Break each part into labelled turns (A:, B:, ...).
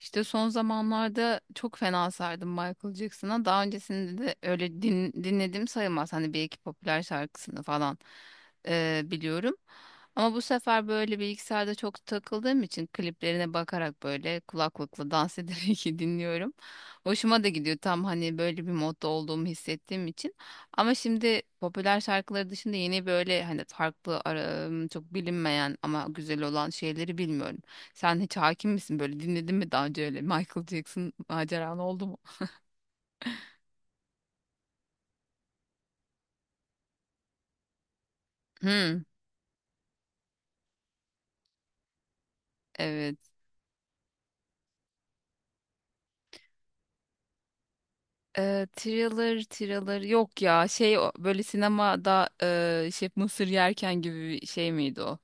A: İşte son zamanlarda çok fena sardım Michael Jackson'a. Daha öncesinde de öyle dinlediğim sayılmaz. Hani bir iki popüler şarkısını falan biliyorum. Ama bu sefer böyle bilgisayarda çok takıldığım için kliplerine bakarak böyle kulaklıkla dans ederek dinliyorum. Hoşuma da gidiyor tam hani böyle bir modda olduğumu hissettiğim için. Ama şimdi popüler şarkıları dışında yeni böyle hani farklı çok bilinmeyen ama güzel olan şeyleri bilmiyorum. Sen hiç hakim misin böyle dinledin mi daha önce öyle Michael Jackson maceran oldu mu? Hmm, evet. Thriller, thriller yok ya şey böyle sinemada şey mısır yerken gibi bir şey miydi o?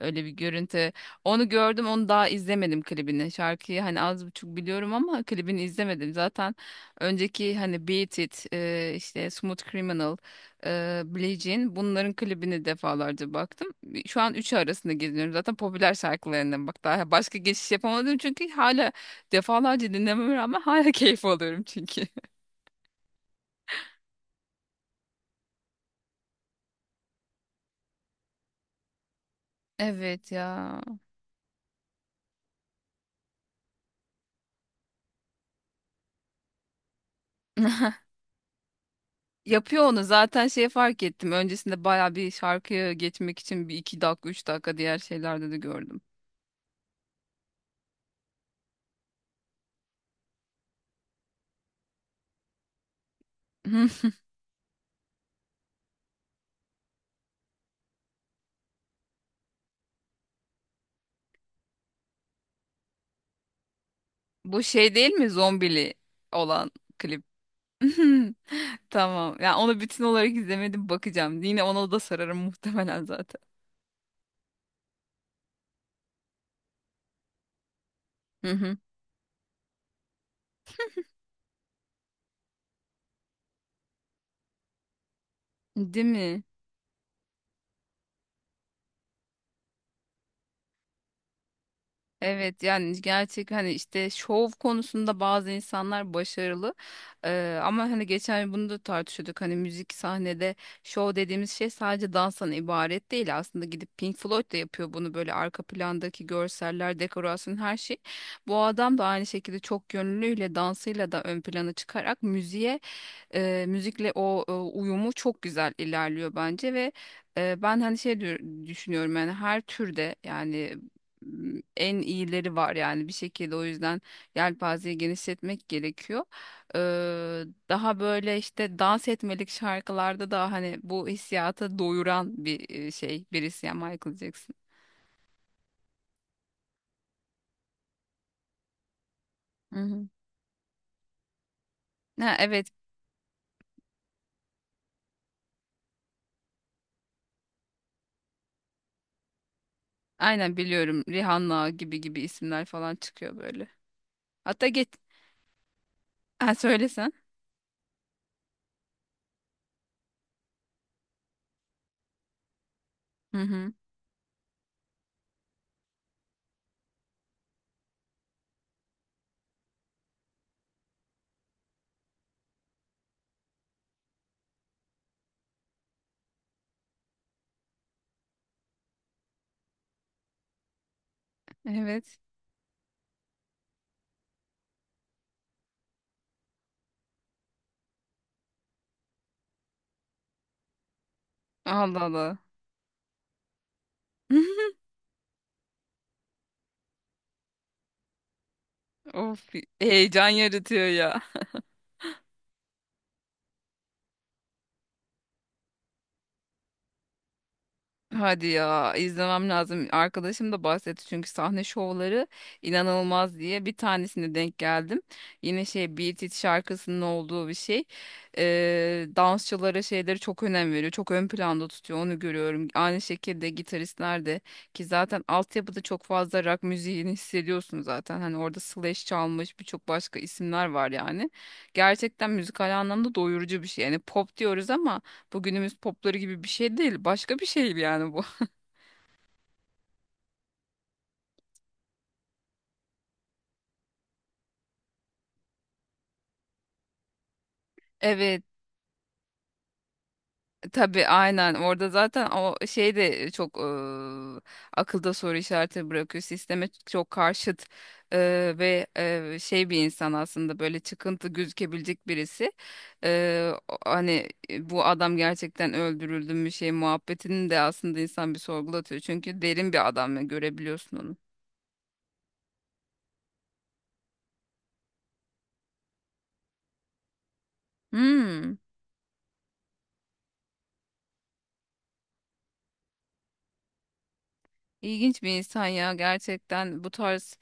A: Öyle bir görüntü. Onu gördüm, onu daha izlemedim klibini. Şarkıyı hani az buçuk biliyorum ama klibini izlemedim. Zaten önceki hani Beat It, işte Smooth Criminal, Billie Jean bunların klibini defalarca baktım. Şu an üçü arasında geziniyorum. Zaten popüler şarkılarından bak daha başka geçiş yapamadım çünkü hala defalarca dinlememe rağmen hala keyif alıyorum çünkü. Evet ya. Yapıyor onu zaten şey fark ettim. Öncesinde baya bir şarkıya geçmek için bir iki dakika üç dakika diğer şeylerde de gördüm. Hı. Bu şey değil mi zombili olan klip? Tamam. Yani onu bütün olarak izlemedim, bakacağım. Yine ona da sararım muhtemelen zaten. Hı hı. Değil mi? Evet yani gerçek hani işte şov konusunda bazı insanlar başarılı. Ama hani geçen gün bunu da tartışıyorduk, hani müzik sahnede şov dediğimiz şey sadece danstan ibaret değil aslında, gidip Pink Floyd da yapıyor bunu, böyle arka plandaki görseller, dekorasyon, her şey, bu adam da aynı şekilde çok yönlüyle dansıyla da ön plana çıkarak müziğe müzikle o uyumu çok güzel ilerliyor bence. Ve ben hani şey düşünüyorum yani her türde yani en iyileri var yani bir şekilde, o yüzden yelpazeyi genişletmek gerekiyor. Eee, Daha böyle işte dans etmelik şarkılarda da hani bu hissiyata doyuran bir şey birisi yani Michael Jackson. Hı hı. Ha, evet aynen biliyorum, Rihanna gibi gibi isimler falan çıkıyor böyle. Hatta geç, ha, söylesen. Hı hı. Evet. Allah Allah. Of, heyecan yaratıyor ya. Hadi ya izlemem lazım. Arkadaşım da bahsetti çünkü sahne şovları inanılmaz diye, bir tanesine denk geldim. Yine şey Beat It şarkısının olduğu bir şey. Dansçılara şeyleri çok önem veriyor. Çok ön planda tutuyor, onu görüyorum. Aynı şekilde gitaristler de, ki zaten altyapıda çok fazla rock müziğini hissediyorsun zaten. Hani orada Slash çalmış, birçok başka isimler var yani. Gerçekten müzikal anlamda doyurucu bir şey. Yani pop diyoruz ama bu günümüz popları gibi bir şey değil. Başka bir şey yani bu. Evet. Tabii aynen, orada zaten o şey de çok akılda soru işareti bırakıyor. Sisteme çok karşıt ve şey bir insan aslında, böyle çıkıntı gözükebilecek birisi. Hani bu adam gerçekten öldürüldü mü, şey muhabbetini de aslında insan bir sorgulatıyor. Çünkü derin bir adam ve görebiliyorsun onu. Hmm. İlginç bir insan ya gerçekten, bu tarz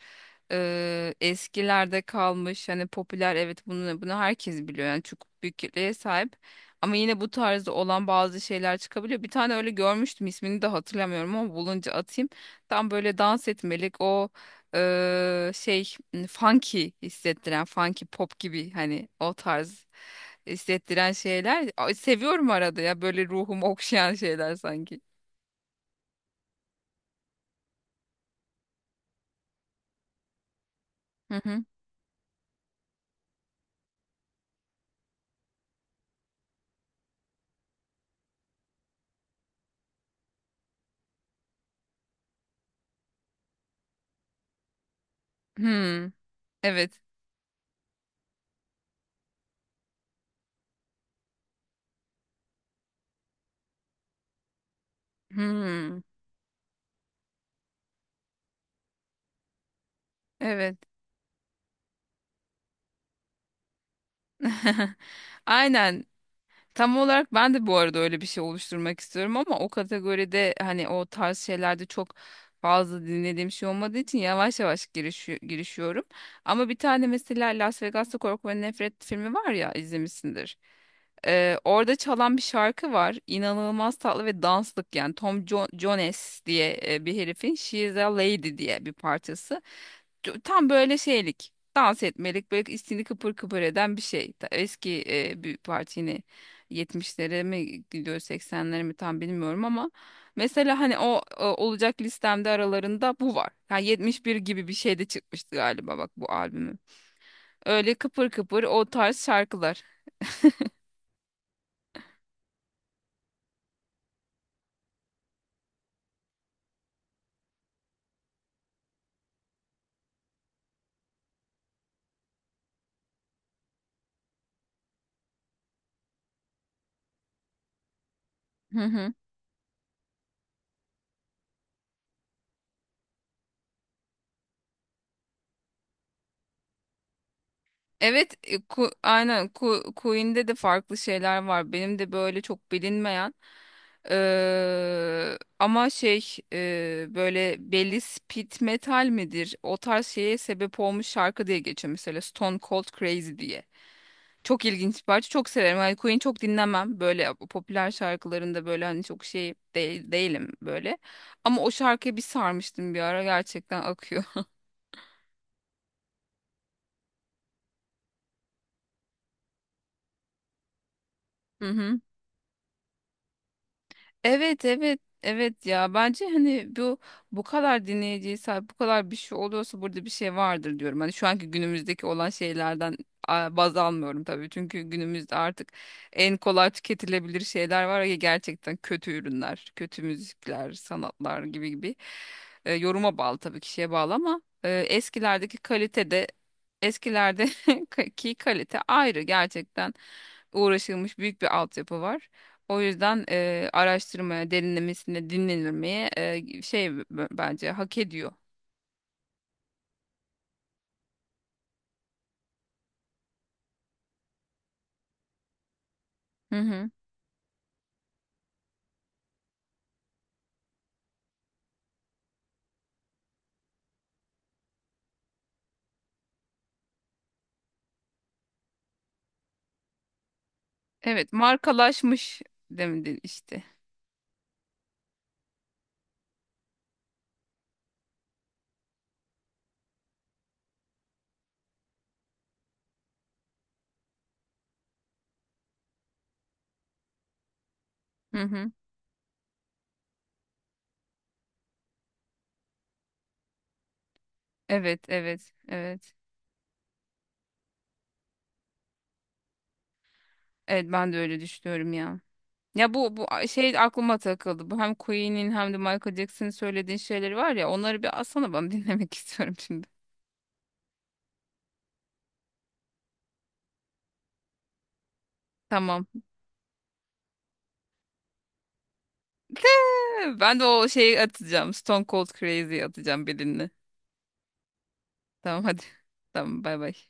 A: eskilerde kalmış hani popüler, evet, bunu bunu herkes biliyor yani çok büyük kitleye sahip, ama yine bu tarzda olan bazı şeyler çıkabiliyor. Bir tane öyle görmüştüm, ismini de hatırlamıyorum ama bulunca atayım. Tam böyle dans etmelik o şey funky hissettiren, funky pop gibi, hani o tarz hissettiren şeyler. Ay, seviyorum arada ya, böyle ruhumu okşayan şeyler sanki. Hı hı. Hmm, evet. Hmm, evet. Aynen. Tam olarak ben de bu arada öyle bir şey oluşturmak istiyorum ama o kategoride hani o tarz şeylerde çok fazla dinlediğim şey olmadığı için yavaş yavaş girişiyorum. Ama bir tane mesela Las Vegas'ta Korku ve Nefret filmi var ya, izlemişsindir. Orada çalan bir şarkı var. İnanılmaz tatlı ve danslık yani, Tom Jones diye bir herifin She is a Lady diye bir parçası. Tam böyle şeylik, dans etmelik, böyle içini kıpır kıpır eden bir şey. Eski bir parti, yine 70'lere mi gidiyor 80'lere mi tam bilmiyorum ama mesela hani olacak listemde aralarında bu var. Yani 71 gibi bir şey de çıkmıştı galiba bak bu albümü. Öyle kıpır kıpır o tarz şarkılar. Hı hı. Evet, Queen'de de farklı şeyler var. Benim de böyle çok bilinmeyen ama şey böyle belli, speed metal midir? O tarz şeye sebep olmuş şarkı diye geçiyor mesela, Stone Cold Crazy diye. Çok ilginç bir parça. Çok severim. Hani Queen çok dinlemem. Böyle popüler şarkılarında böyle hani çok şey değil, değilim böyle. Ama o şarkıya bir sarmıştım bir ara. Gerçekten akıyor. Hı hı. Evet evet evet ya, bence hani bu kadar dinleyiciye sahip bu kadar bir şey oluyorsa burada bir şey vardır diyorum. Hani şu anki günümüzdeki olan şeylerden baz almıyorum tabii. Çünkü günümüzde artık en kolay tüketilebilir şeyler var ya, gerçekten kötü ürünler, kötü müzikler, sanatlar gibi gibi. Yoruma bağlı tabii, kişiye bağlı ama eskilerdeki kalitede eskilerde ki kalite ayrı, gerçekten uğraşılmış, büyük bir altyapı var. O yüzden araştırmaya, derinlemesine dinlenilmeye şey bence hak ediyor. Hı hı. Evet, markalaşmış demedin işte. Hı hı. Evet, evet, evet. Evet, ben de öyle düşünüyorum ya. Ya bu şey aklıma takıldı. Bu hem Queen'in hem de Michael Jackson'ın söylediğin şeyleri var ya. Onları bir alsana, ben dinlemek istiyorum şimdi. Tamam. Ben de o şeyi atacağım. Stone Cold Crazy atacağım birini. Tamam hadi. Tamam bay bay.